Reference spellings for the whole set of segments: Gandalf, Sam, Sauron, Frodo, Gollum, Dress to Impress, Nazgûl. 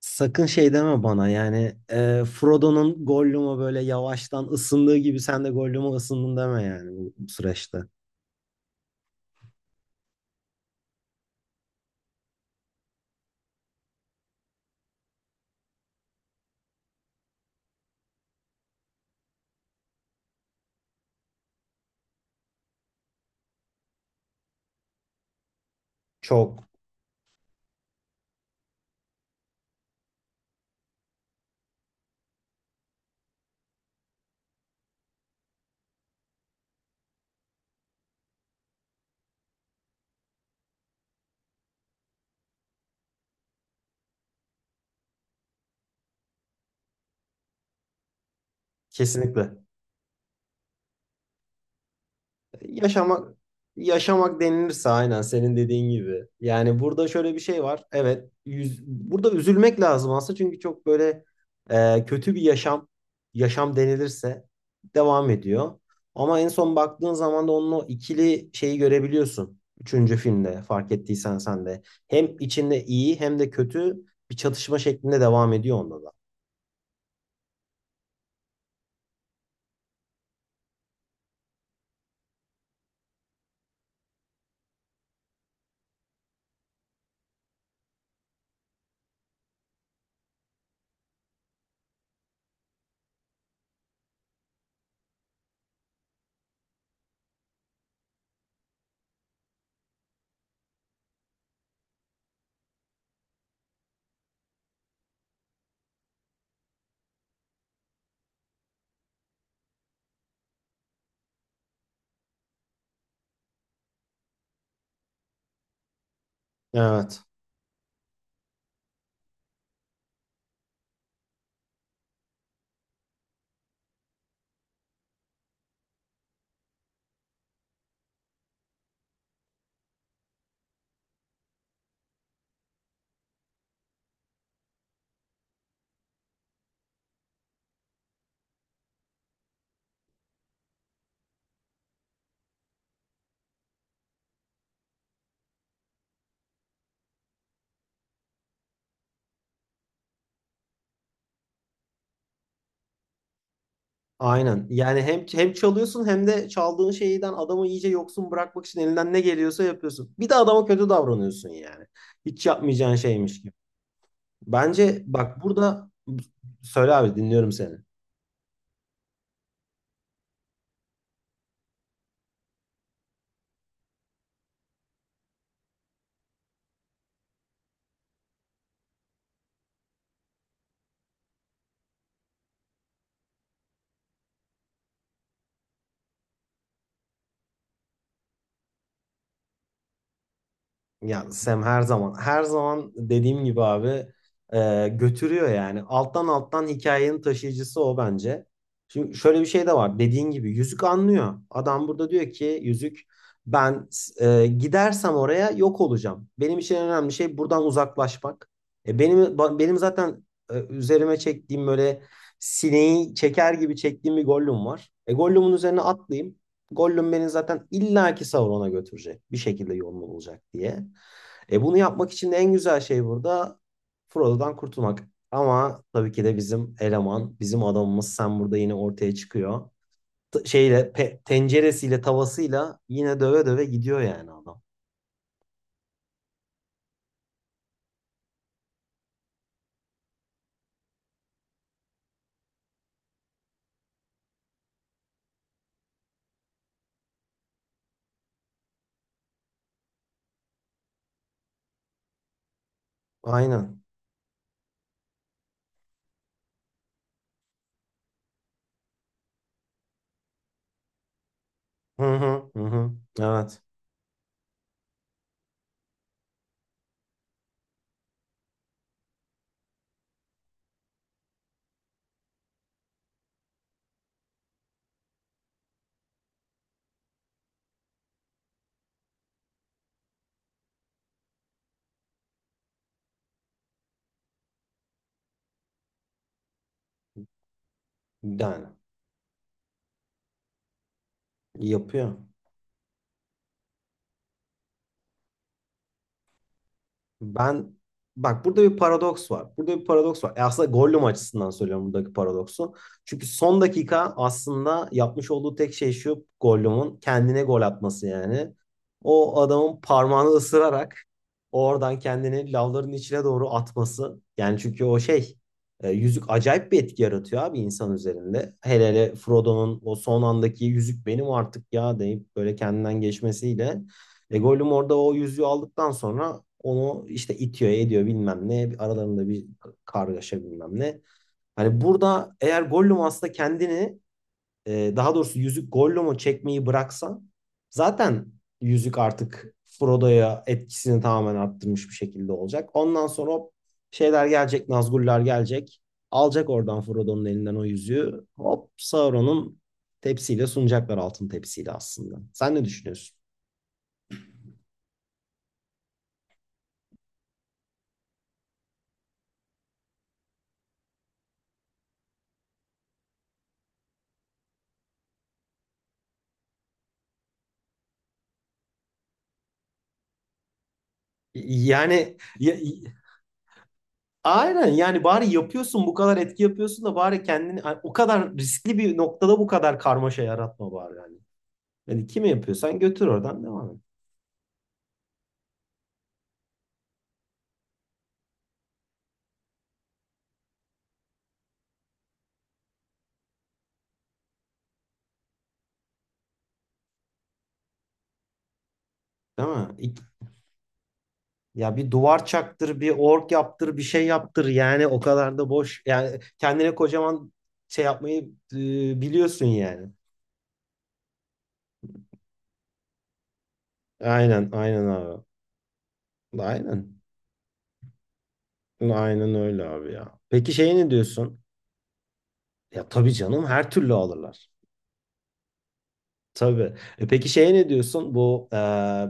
Sakın şey deme bana yani Frodo'nun Gollum'a böyle yavaştan ısındığı gibi sen de Gollum'a ısındın deme yani bu süreçte. Çok. Kesinlikle. Yaşamak yaşamak denilirse aynen senin dediğin gibi. Yani burada şöyle bir şey var. Evet, yüz, burada üzülmek lazım aslında çünkü çok böyle kötü bir yaşam denilirse devam ediyor. Ama en son baktığın zaman da onun o ikili şeyi görebiliyorsun. Üçüncü filmde fark ettiysen sen de. Hem içinde iyi hem de kötü bir çatışma şeklinde devam ediyor onda da. Evet. Aynen. Yani hem çalıyorsun hem de çaldığın şeyden adamı iyice yoksun bırakmak için elinden ne geliyorsa yapıyorsun. Bir de adama kötü davranıyorsun yani. Hiç yapmayacağın şeymiş gibi. Bence bak burada söyle abi dinliyorum seni. Ya Sam her zaman her zaman dediğim gibi abi, götürüyor yani. Alttan alttan hikayenin taşıyıcısı o bence. Şimdi şöyle bir şey de var. Dediğin gibi yüzük anlıyor. Adam burada diyor ki yüzük ben gidersem oraya yok olacağım. Benim için en önemli şey buradan uzaklaşmak. Benim zaten üzerime çektiğim böyle sineği çeker gibi çektiğim bir Gollum var. E Gollum'un üzerine atlayayım. Gollum beni zaten illaki Sauron'a götürecek. Bir şekilde yolunu bulacak diye. E bunu yapmak için de en güzel şey burada Frodo'dan kurtulmak. Ama tabii ki de bizim eleman, bizim adamımız Sam burada yine ortaya çıkıyor. Tenceresiyle, tavasıyla yine döve döve gidiyor yani adam. Aynen. Hı hı hı. hı. Evet. Yani yapıyor. Ben bak burada bir paradoks var. Burada bir paradoks var. E aslında Gollum açısından söylüyorum buradaki paradoksu. Çünkü son dakika aslında yapmış olduğu tek şey şu Gollum'un kendine gol atması yani. O adamın parmağını ısırarak oradan kendini lavların içine doğru atması. Yani çünkü o yüzük acayip bir etki yaratıyor abi insan üzerinde. Hele hele Frodo'nun o son andaki yüzük benim artık ya deyip böyle kendinden geçmesiyle. E Gollum orada o yüzüğü aldıktan sonra onu işte itiyor, ediyor bilmem ne. Aralarında bir kargaşa bilmem ne. Hani burada eğer Gollum aslında kendini, daha doğrusu yüzük Gollum'u çekmeyi bıraksa zaten yüzük artık Frodo'ya etkisini tamamen arttırmış bir şekilde olacak. Ondan sonra hop şeyler gelecek, Nazgûl'lar gelecek. Alacak oradan Frodo'nun elinden o yüzüğü. Hop Sauron'un tepsiyle sunacaklar altın tepsiyle aslında. Sen ne düşünüyorsun? Yani ya- aynen yani bari yapıyorsun bu kadar etki yapıyorsun da bari kendini hani, o kadar riskli bir noktada bu kadar karmaşa yaratma bari yani. Yani kimi yapıyorsan götür oradan devam et. Değil mi? Ya bir duvar çaktır, bir ork yaptır, bir şey yaptır. Yani o kadar da boş. Yani kendine kocaman şey yapmayı e, biliyorsun yani. Aynen, aynen abi. Aynen. Aynen öyle abi ya. Peki şey ne diyorsun? Ya tabii canım her türlü alırlar. Tabii. E peki şeye ne diyorsun? Bu e,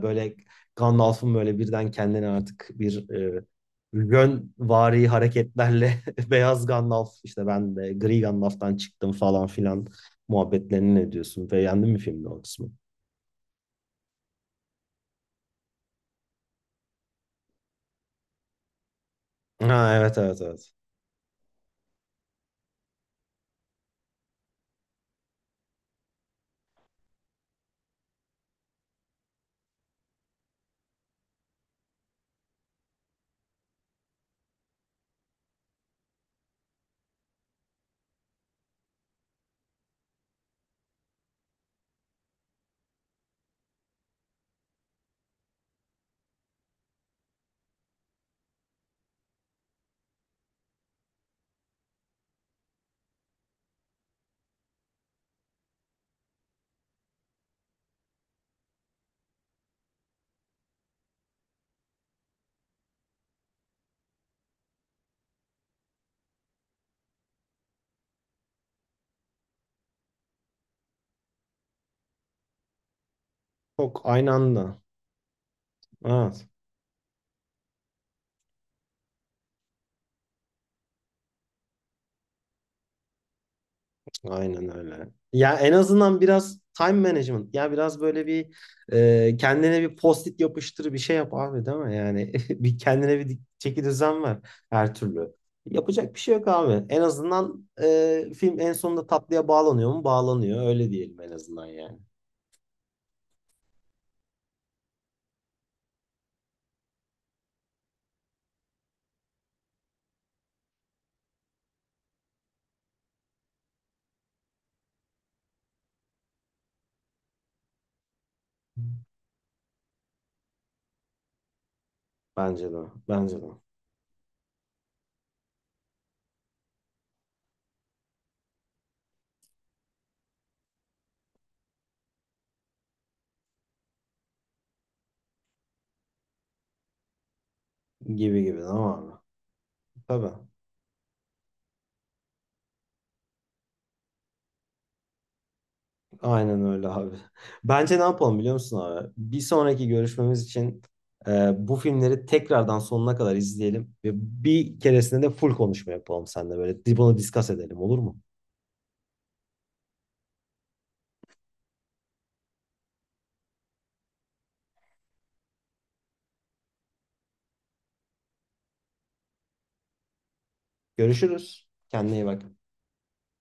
böyle Gandalf'ın böyle birden kendini artık bir e, yönvari hareketlerle beyaz Gandalf işte ben de gri Gandalf'tan çıktım falan filan muhabbetlerini ne diyorsun? Beğendin mi filmde o kısmı? Ha evet evet evet. Çok aynı anda. Evet. Aynen öyle. Ya en azından biraz time management. Ya biraz böyle bir kendine bir post-it yapıştır bir şey yap abi değil mi? Yani bir kendine bir çeki düzen ver her türlü. Yapacak bir şey yok abi. En azından film en sonunda tatlıya bağlanıyor mu? Bağlanıyor. Öyle diyelim en azından yani. Bence de. Bence de. Gibi gibi tamam abi. Tabii. Aynen öyle abi. Bence ne yapalım biliyor musun abi? Bir sonraki görüşmemiz için bu filmleri tekrardan sonuna kadar izleyelim ve bir keresinde de full konuşma yapalım seninle böyle. Bunu discuss edelim olur mu? Görüşürüz. Kendine iyi bak.